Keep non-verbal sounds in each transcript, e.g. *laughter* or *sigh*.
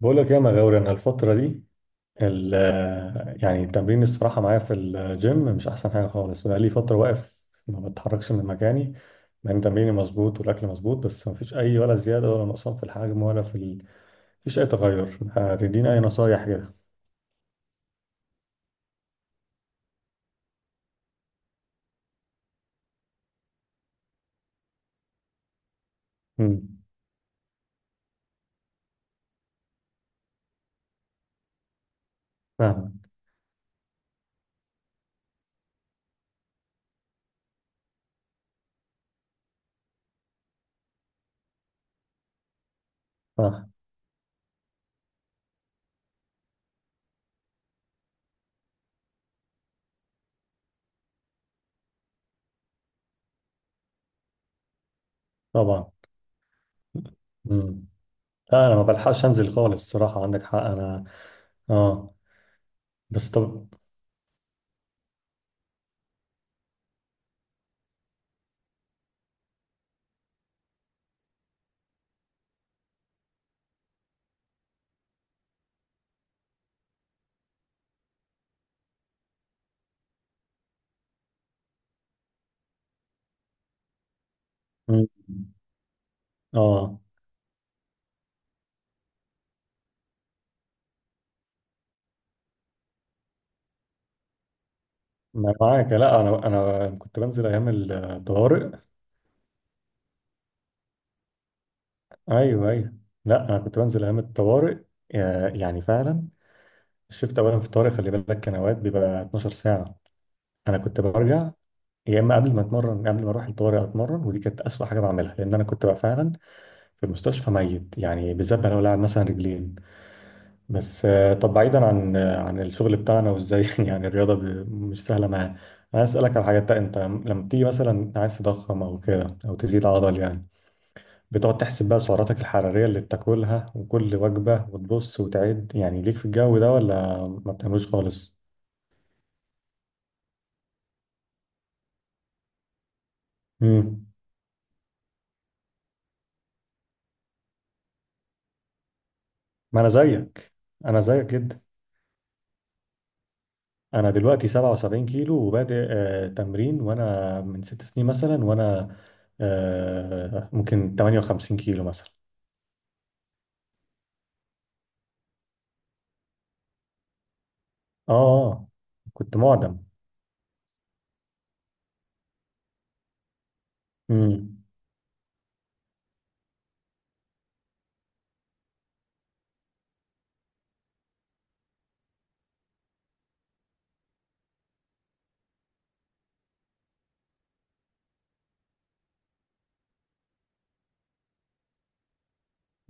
بقول لك إيه يا مغاوري، انا الفتره دي ال- يعني التمرين الصراحه معايا في الجيم مش احسن حاجه خالص. بقى لي فتره واقف ما بتحركش من مكاني مع ان تمريني مظبوط والاكل مظبوط، بس ما فيش اي ولا زياده ولا نقصان في الحجم ولا في فيش اي تغير. هتديني اي نصايح كده؟ امم فاهم. صح. طبعا. امم لا انا ما بلحقش انزل خالص الصراحه، عندك حق. انا اه. بس طب. مم. اه. ما معاك؟ لا انا كنت بنزل ايام الطوارئ. ايوه ايوه. لا انا كنت بنزل ايام الطوارئ، يعني فعلا اولا في الطوارئ، خلي بالك كان اوقات بيبقى 12 ساعه. انا كنت برجع، يا اما قبل ما اتمرن قبل ما اروح الطوارئ اتمرن، ودي كانت اسوأ حاجه بعملها لان انا كنت بقى فعلا في المستشفى ميت، يعني بالذات بقى لو لاعب مثلا رجلين. بس طب بعيدا عن عن الشغل بتاعنا وازاي *laughs* يعني الرياضه مش سهله معايا. انا اسالك على حاجه، انت لما بتيجي مثلا عايز تضخم او كده او تزيد عضل يعني، بتقعد تحسب بقى سعراتك الحرارية اللي بتاكلها وكل وجبة وتبص وتعد يعني ليك في الجو ده، ولا ما بتعملوش خالص؟ امم. ما انا زيك، انا زيك جدا. انا دلوقتي 77 كيلو وبادئ آه تمرين، وانا من 6 سنين مثلا وانا آه ممكن 58 كيلو مثلا. اه كنت معدم. امم.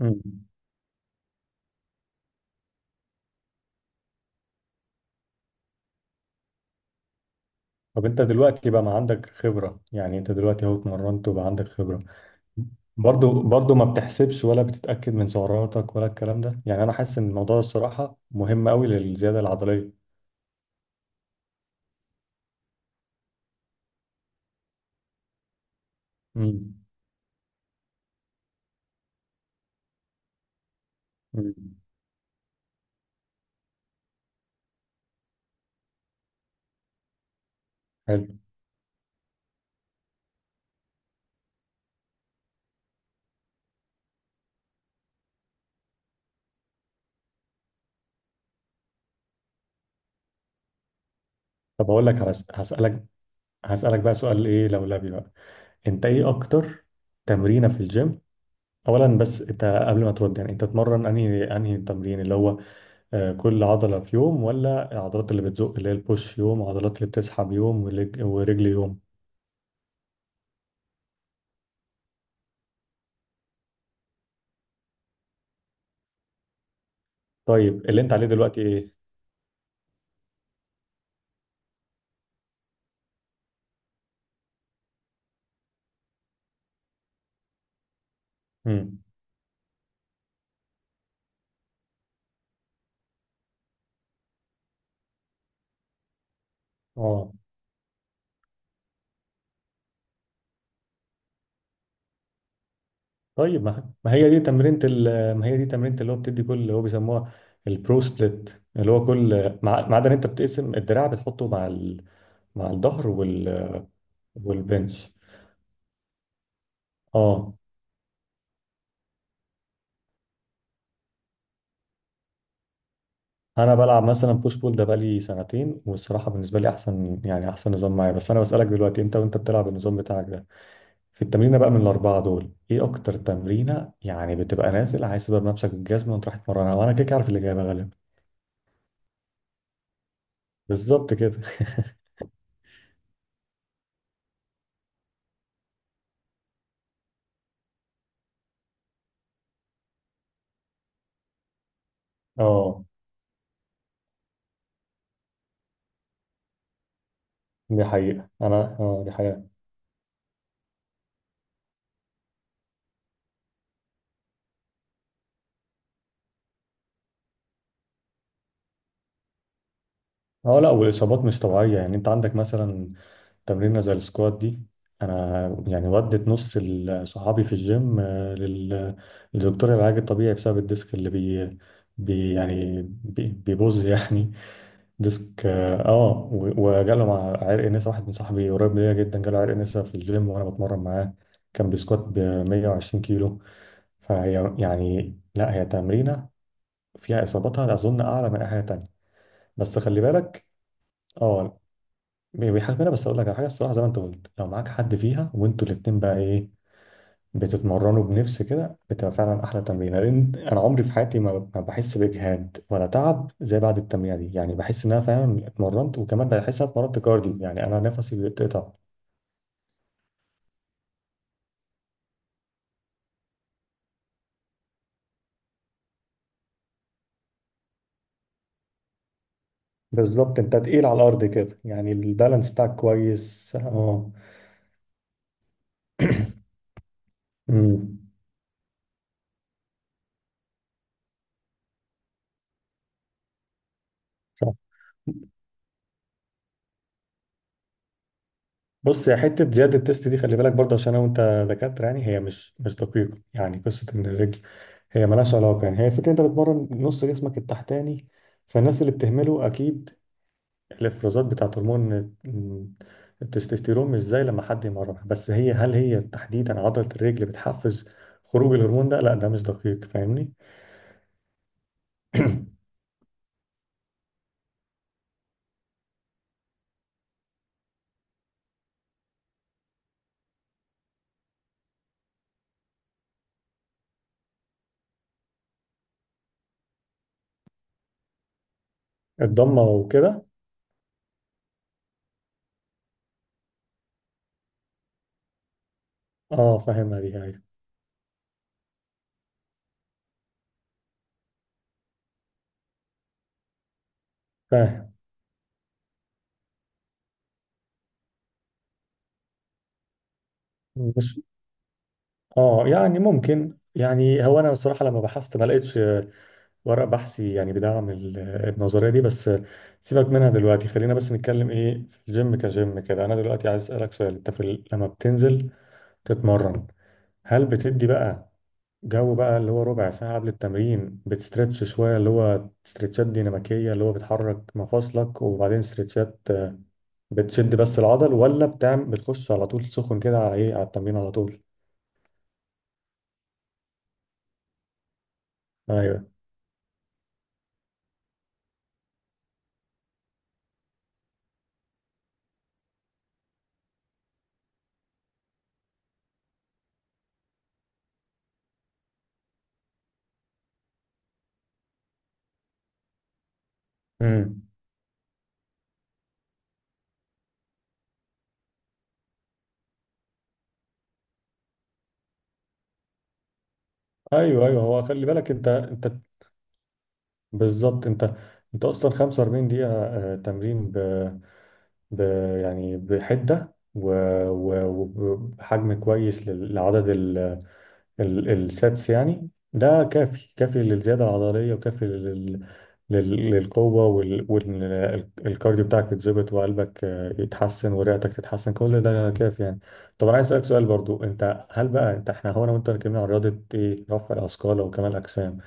امم. طب انت دلوقتي بقى ما عندك خبرة، يعني انت دلوقتي اهو اتمرنت وبقى عندك خبرة، برضو برضو ما بتحسبش ولا بتتأكد من سعراتك ولا الكلام ده؟ يعني انا حاسس ان الموضوع ده الصراحة مهم قوي للزيادة العضلية. امم. أمم. حلو. طب اقول لك على هسألك، هسألك بقى سؤال ايه لولبي بقى. انت ايه اكتر تمرينة في الجيم؟ اولا بس انت قبل ما تودي، يعني انت تتمرن انهي تمرين اللي هو كل عضلة في يوم، ولا العضلات اللي بتزق اللي هي البوش يوم وعضلات اللي بتسحب يوم ورجل يوم؟ طيب اللي انت عليه دلوقتي ايه؟ امم. اه. طيب ما هي دي تمرينة ما هي دي تمرينة اللي هو بتدي كل اللي هو بيسموها البرو سبليت، اللي هو كل ما عدا ان انت بتقسم الدراع بتحطه مع مع الظهر والبنش. اه. انا بلعب مثلا بوش بول ده بقالي سنتين، والصراحة بالنسبة لي احسن، يعني احسن نظام معايا. بس انا بسألك دلوقتي انت وانت بتلعب النظام بتاعك ده، في التمرينة بقى من الاربعة دول ايه اكتر تمرينة، يعني بتبقى نازل عايز تضرب نفسك بالجزمة وتروح تتمرنها؟ وانا كده كده عارف الاجابة غالبا. بالظبط كده *laughs* اه دي حقيقة، أنا اه دي حقيقة. اه لا، والاصابات مش طبيعيه. يعني انت عندك مثلا تمرينه زي السكوات دي، انا يعني ودت نص صحابي في الجيم آه، للدكتور العلاج الطبيعي بسبب الديسك اللي بي بيبوظ يعني *laughs* ديسك اه وجاله مع عرق نسا، واحد من صاحبي قريب ليا جدا جاله عرق نسا في الجيم وانا بتمرن معاه. كان بيسكوات ب 120 كيلو. فهي يعني لا، هي تمرينه فيها اصاباتها اظن اعلى من اي حاجه تانيه. بس خلي بالك. اه. بيحاسبنا. بس اقول لك على حاجه الصراحه، زي ما انت قلت، لو معاك حد فيها وانتوا الاتنين بقى ايه بتتمرنوا بنفس كده، بتبقى فعلا احلى تمرين، لان انا عمري في حياتي ما بحس باجهاد ولا تعب زي بعد التمرينه دي، يعني بحس ان انا فعلا اتمرنت، وكمان بحس ان انا اتمرنت كارديو يعني انا نفسي بيتقطع. بالظبط، انت تقيل على الارض كده، يعني البالانس بتاعك كويس، اه. امم. صح. بص يا حته، زياده التست دي خلي بالك برضه عشان انا وانت دكاتره، يعني هي مش دقيقه. يعني قصه ان الرجل هي ملهاش علاقة، يعني هي الفكرة انت بتمرن نص جسمك التحتاني، فالناس اللي بتهمله اكيد الافرازات بتاعت هرمون ال- التستوستيرون مش زي لما حد يمرنها. بس هي هل هي تحديدا عضلة الرجل بتحفز خروج الهرمون ده؟ لا ده مش دقيق، فاهمني. الضمة وكده. اه فاهمها دي هاي. فاهم. مش اه، يعني ممكن، يعني هو انا بصراحة لما بحثت ما لقيتش ورق بحثي يعني بيدعم النظرية دي. بس سيبك منها دلوقتي، خلينا بس نتكلم ايه في الجيم كجيم كده. انا دلوقتي عايز اسألك سؤال، انت في لما بتنزل تتمرن هل بتدي بقى جو بقى اللي هو ربع ساعة قبل التمرين بتسترتش شوية اللي هو استرتشات ديناميكية اللي هو بتحرك مفاصلك، وبعدين استرتشات آه، بتشد بس العضل، ولا بتعمل بتخش على طول سخن كده على ايه على التمرين على طول؟ ايوه. امم. ايوه ايوه، هو خلي بالك انت بالظبط، انت اصلا 45 دقيقة تمرين ب... يعني بحدة و- وبحجم كويس لعدد الساتس، يعني ده كافي كافي للزيادة العضلية، وكافي للقوة والكارديو الكارديو بتاعك يتظبط، وقلبك آه، يتحسن ورئتك تتحسن، كل ده كافي يعني. طب انا عايز اسألك سؤال برضو، انت هل بقى انت احنا هو انا وانت اتكلمنا عن رياضة ايه رفع الاثقال وكمال الاجسام،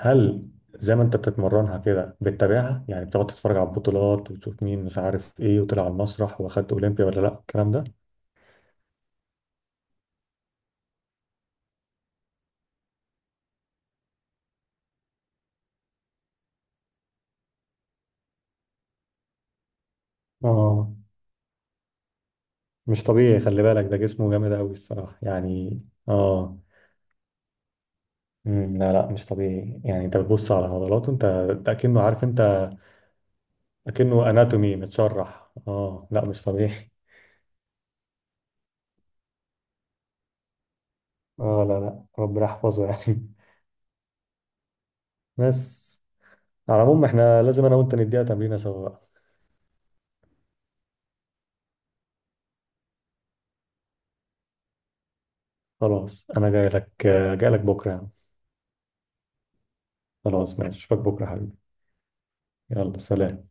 هل زي ما انت بتتمرنها كده بتتابعها يعني بتقعد تتفرج على البطولات وتشوف مين مش عارف ايه وطلع على المسرح واخد اولمبيا ولا لا الكلام ده؟ اه مش طبيعي خلي بالك، ده جسمه جامد قوي الصراحه يعني. اه مم، لا لا مش طبيعي، يعني انت بتبص على عضلاته انت، ده اكنه، عارف انت، اكنه اناتومي متشرح، اه لا مش طبيعي *laughs* اه لا لا ربنا يحفظه يعني *laughs* بس على العموم احنا لازم انا وانت نديها تمرينه سوا بقى. خلاص انا جاي لك، جاي لك بكره يعني. خلاص ماشي، اشوفك بكرة حبيبي. يلا سلام